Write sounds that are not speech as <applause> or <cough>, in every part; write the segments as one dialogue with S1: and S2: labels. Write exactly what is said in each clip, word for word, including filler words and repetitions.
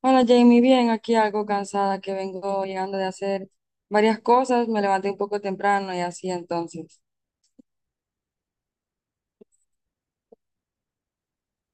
S1: Hola Jamie, bien, aquí algo cansada que vengo llegando de hacer varias cosas. Me levanté un poco temprano y así entonces,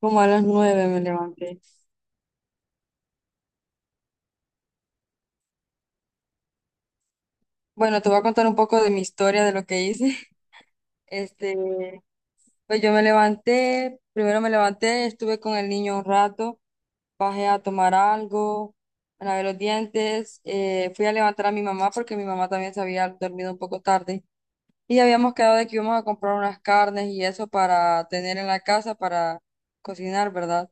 S1: como a las nueve me levanté. Bueno, te voy a contar un poco de mi historia, de lo que hice. <laughs> Este, pues yo me levanté, primero me levanté, estuve con el niño un rato, bajé a tomar algo, me lavé los dientes, eh, fui a levantar a mi mamá porque mi mamá también se había dormido un poco tarde. Y habíamos quedado de que íbamos a comprar unas carnes y eso para tener en la casa para cocinar, ¿verdad?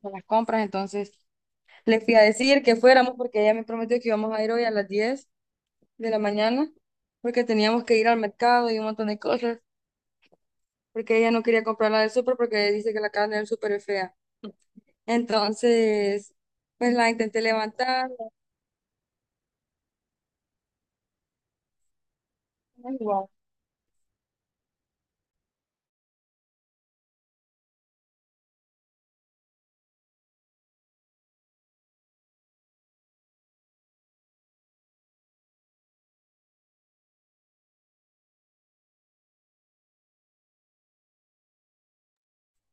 S1: Para las compras. Entonces le fui a decir que fuéramos porque ella me prometió que íbamos a ir hoy a las diez de la mañana porque teníamos que ir al mercado y un montón de cosas porque ella no quería comprar la del súper porque dice que la carne del súper es fea. Entonces, pues la intenté levantar. la- Igual.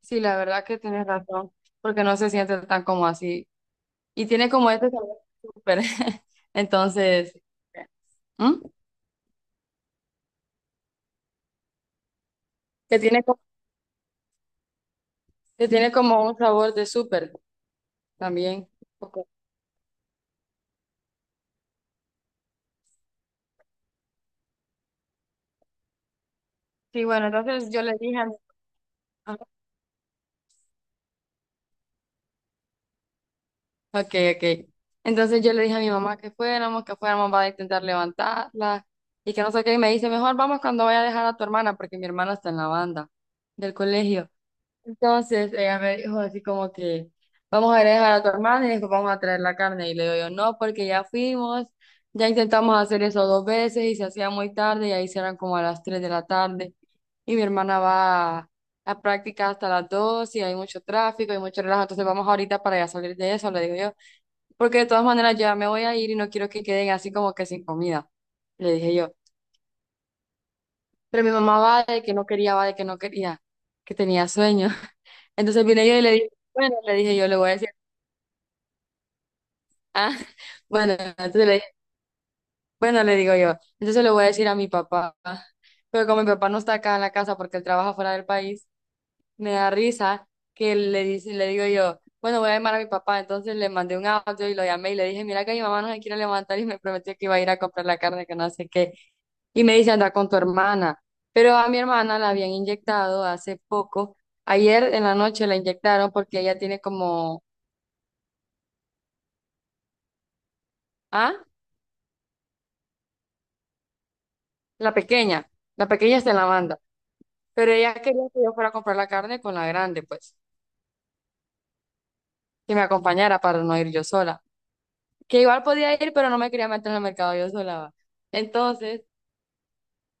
S1: Sí, la verdad que tienes razón porque no se siente tan como así. Y tiene como este sabor súper. <laughs> Entonces, ¿Mm? Que tiene como, que tiene como un sabor de súper también. Ok. Sí, bueno, entonces yo le dije a mi... Ajá. Ok, ok. Entonces yo le dije a mi mamá que fuéramos, que fuéramos, va a intentar levantarla y que no sé qué. Y me dice, mejor vamos cuando vaya a dejar a tu hermana, porque mi hermana está en la banda del colegio. Entonces ella me dijo así como que vamos a ir a dejar a tu hermana y después vamos a traer la carne. Y le digo yo, no, porque ya fuimos, ya intentamos hacer eso dos veces y se hacía muy tarde y ahí eran como a las tres de la tarde. Y mi hermana va a, a práctica hasta las dos y hay mucho tráfico y mucho relajo. Entonces vamos ahorita para ya salir de eso, le digo yo, porque de todas maneras ya me voy a ir y no quiero que queden así como que sin comida. Le dije yo. Pero mi mamá va de que no quería, va de que no quería, que tenía sueño. <laughs> Entonces vine yo y le dije, bueno, le dije yo, le voy a decir, ah, <laughs> bueno, entonces le dije, bueno, le digo yo, entonces le voy a decir a mi papá. Pero como mi papá no está acá en la casa porque él trabaja fuera del país, me da risa que le dice, le digo yo, bueno, voy a llamar a mi papá. Entonces le mandé un audio y lo llamé y le dije, mira que mi mamá no se quiere levantar y me prometió que iba a ir a comprar la carne, que no sé qué. Y me dice, anda con tu hermana. Pero a mi hermana la habían inyectado hace poco. Ayer en la noche la inyectaron porque ella tiene como, ah, la pequeña. La pequeña está en la banda. Pero ella quería que yo fuera a comprar la carne con la grande, pues, que me acompañara para no ir yo sola. Que igual podía ir, pero no me quería meter en el mercado yo sola, va. Entonces,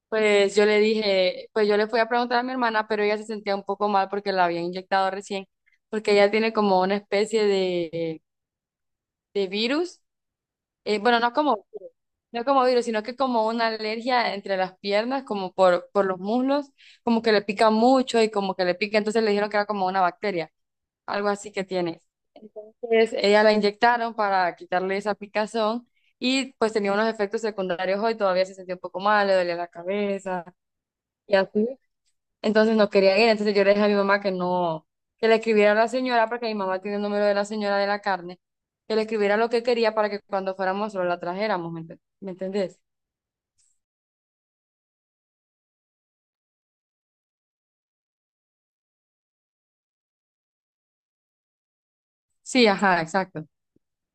S1: pues yo le dije, pues yo le fui a preguntar a mi hermana, pero ella se sentía un poco mal porque la había inyectado recién, porque ella tiene como una especie de, de virus, eh, bueno, no como, no como virus, sino que como una alergia entre las piernas, como por, por los muslos, como que le pica mucho y como que le pica, entonces le dijeron que era como una bacteria, algo así que tiene. Entonces ella la inyectaron para quitarle esa picazón y pues tenía unos efectos secundarios hoy, todavía se sentía un poco mal, le dolía la cabeza. Y así. Entonces no quería ir, entonces yo le dije a mi mamá que no, que le escribiera a la señora, porque mi mamá tiene el número de la señora de la carne, que le escribiera lo que quería para que cuando fuéramos solo la trajéramos, ¿me enten- me entendés? Sí, ajá, exacto.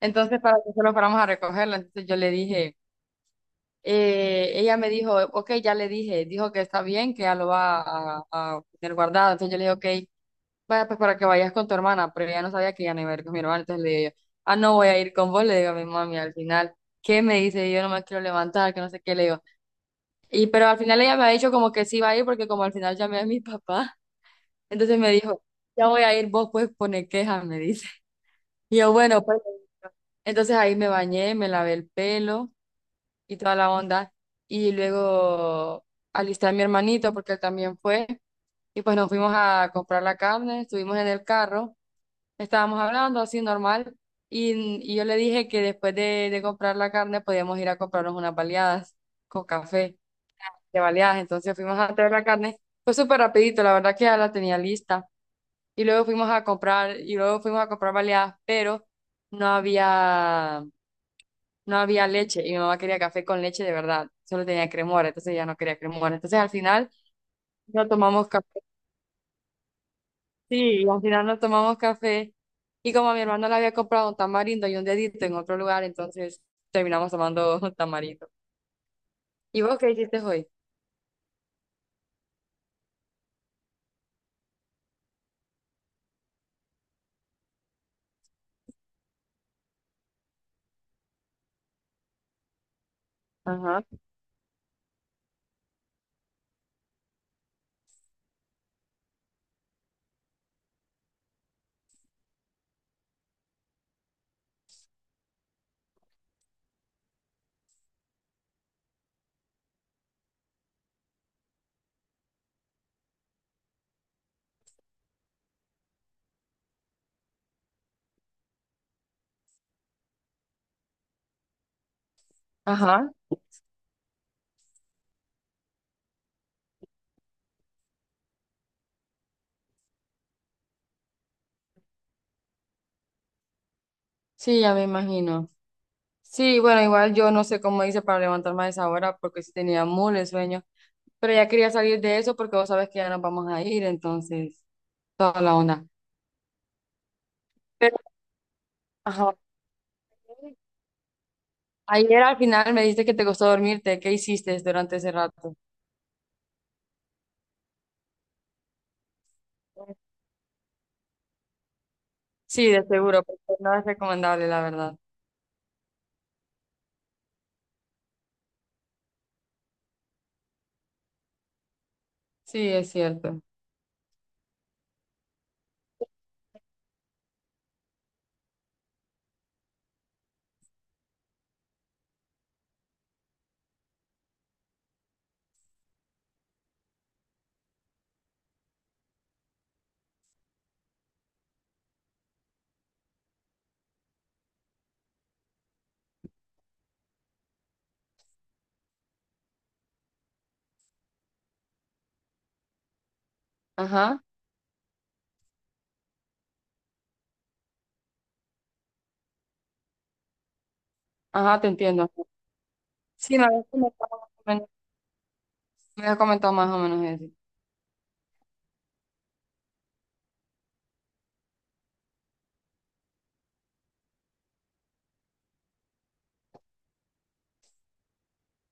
S1: Entonces para que solo fuéramos a recogerla, entonces yo le dije, eh, ella me dijo, ok, ya le dije, dijo que está bien, que ya lo va a, a tener guardado, entonces yo le dije, ok, vaya, pues para que vayas con tu hermana, pero ella no sabía que iban a ir con mi hermana, entonces le digo yo, ah, no voy a ir con vos, le digo a mi mami al final, ¿qué me dice? Yo no me quiero levantar, que no sé qué le digo. Y pero al final ella me ha dicho como que sí va a ir porque como al final llamé a mi <laughs> papá, entonces me dijo, ya voy a ir, vos pues pone queja, me dice. Y yo, bueno, pues le digo. Entonces ahí me bañé, me lavé el pelo y toda la onda, y luego alisté a mi hermanito porque él también fue, y pues nos fuimos a comprar la carne, estuvimos en el carro. Estábamos hablando así normal y, y yo le dije que después de, de comprar la carne podíamos ir a comprarnos unas baleadas con café de baleadas. Entonces fuimos a traer la carne. Fue súper rapidito, la verdad que ya la tenía lista. Y luego fuimos a comprar, y luego fuimos a comprar baleadas, pero no había, no había leche. Y mi mamá quería café con leche de verdad. Solo tenía cremora, entonces ya no quería cremora. Entonces al final no tomamos café. Sí, y al final nos tomamos café y como a mi hermano le había comprado un tamarindo y un dedito en otro lugar, entonces terminamos tomando <laughs> tamarindo. ¿Y vos qué hiciste hoy? Ajá. Ajá. Sí, ya me imagino. Sí, bueno, igual yo no sé cómo hice para levantarme a esa hora porque sí tenía muy de sueño, pero ya quería salir de eso porque vos sabes que ya nos vamos a ir, entonces toda la onda. Pero, ajá. Ayer al final me dijiste que te costó dormirte. ¿Qué hiciste durante ese rato? Sí, de seguro, porque no es recomendable, la verdad. Sí, es cierto. Ajá, ajá, te entiendo. Sí, me habías comentado, más o menos- me habías comentado más o menos eso.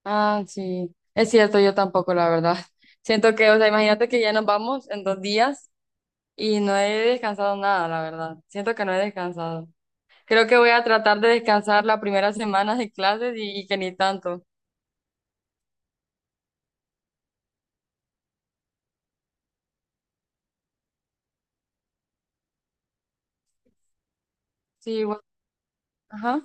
S1: Ah, sí, es cierto, yo tampoco, la verdad. <laughs> Siento que, o sea, imagínate que ya nos vamos en dos días y no he descansado nada, la verdad. Siento que no he descansado. Creo que voy a tratar de descansar la primera semana de clases y, y que ni tanto. Sí, bueno, ajá.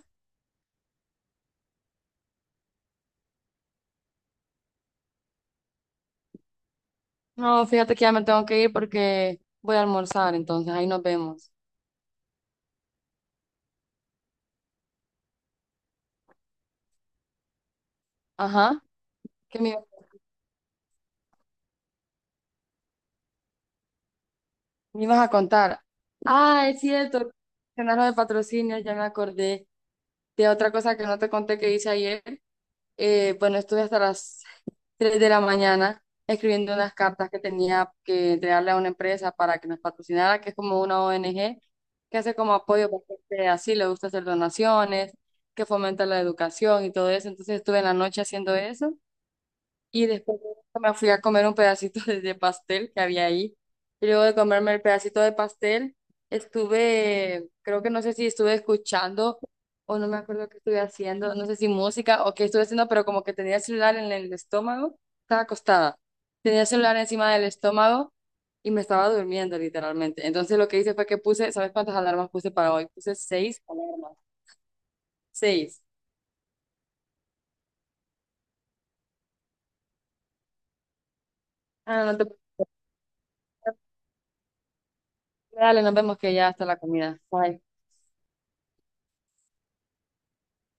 S1: No, fíjate que ya me tengo que ir porque voy a almorzar, entonces ahí nos vemos. Ajá, que me Me ibas a contar. Ah, es cierto. Cenar lo de patrocinio, ya me acordé de otra cosa que no te conté que hice ayer. Eh, bueno, estuve hasta las <laughs> tres de la mañana escribiendo unas cartas que tenía que entregarle a una empresa para que nos patrocinara, que es como una O N G que hace como apoyo para bastante así, le gusta hacer donaciones, que fomenta la educación y todo eso. Entonces estuve en la noche haciendo eso y después de eso me fui a comer un pedacito <laughs> de, de pastel que había ahí. Y luego de comerme el pedacito de pastel, estuve, creo que no sé si estuve escuchando o no me acuerdo qué estuve haciendo, no sé si música o qué estuve haciendo, pero como que tenía el celular en el estómago, estaba acostada. Tenía el celular encima del estómago y me estaba durmiendo literalmente. Entonces lo que hice fue que puse, ¿sabes cuántas alarmas puse para hoy? Puse seis alarmas. Seis. Ah, no te... Dale, nos vemos que ya está la comida. Bye.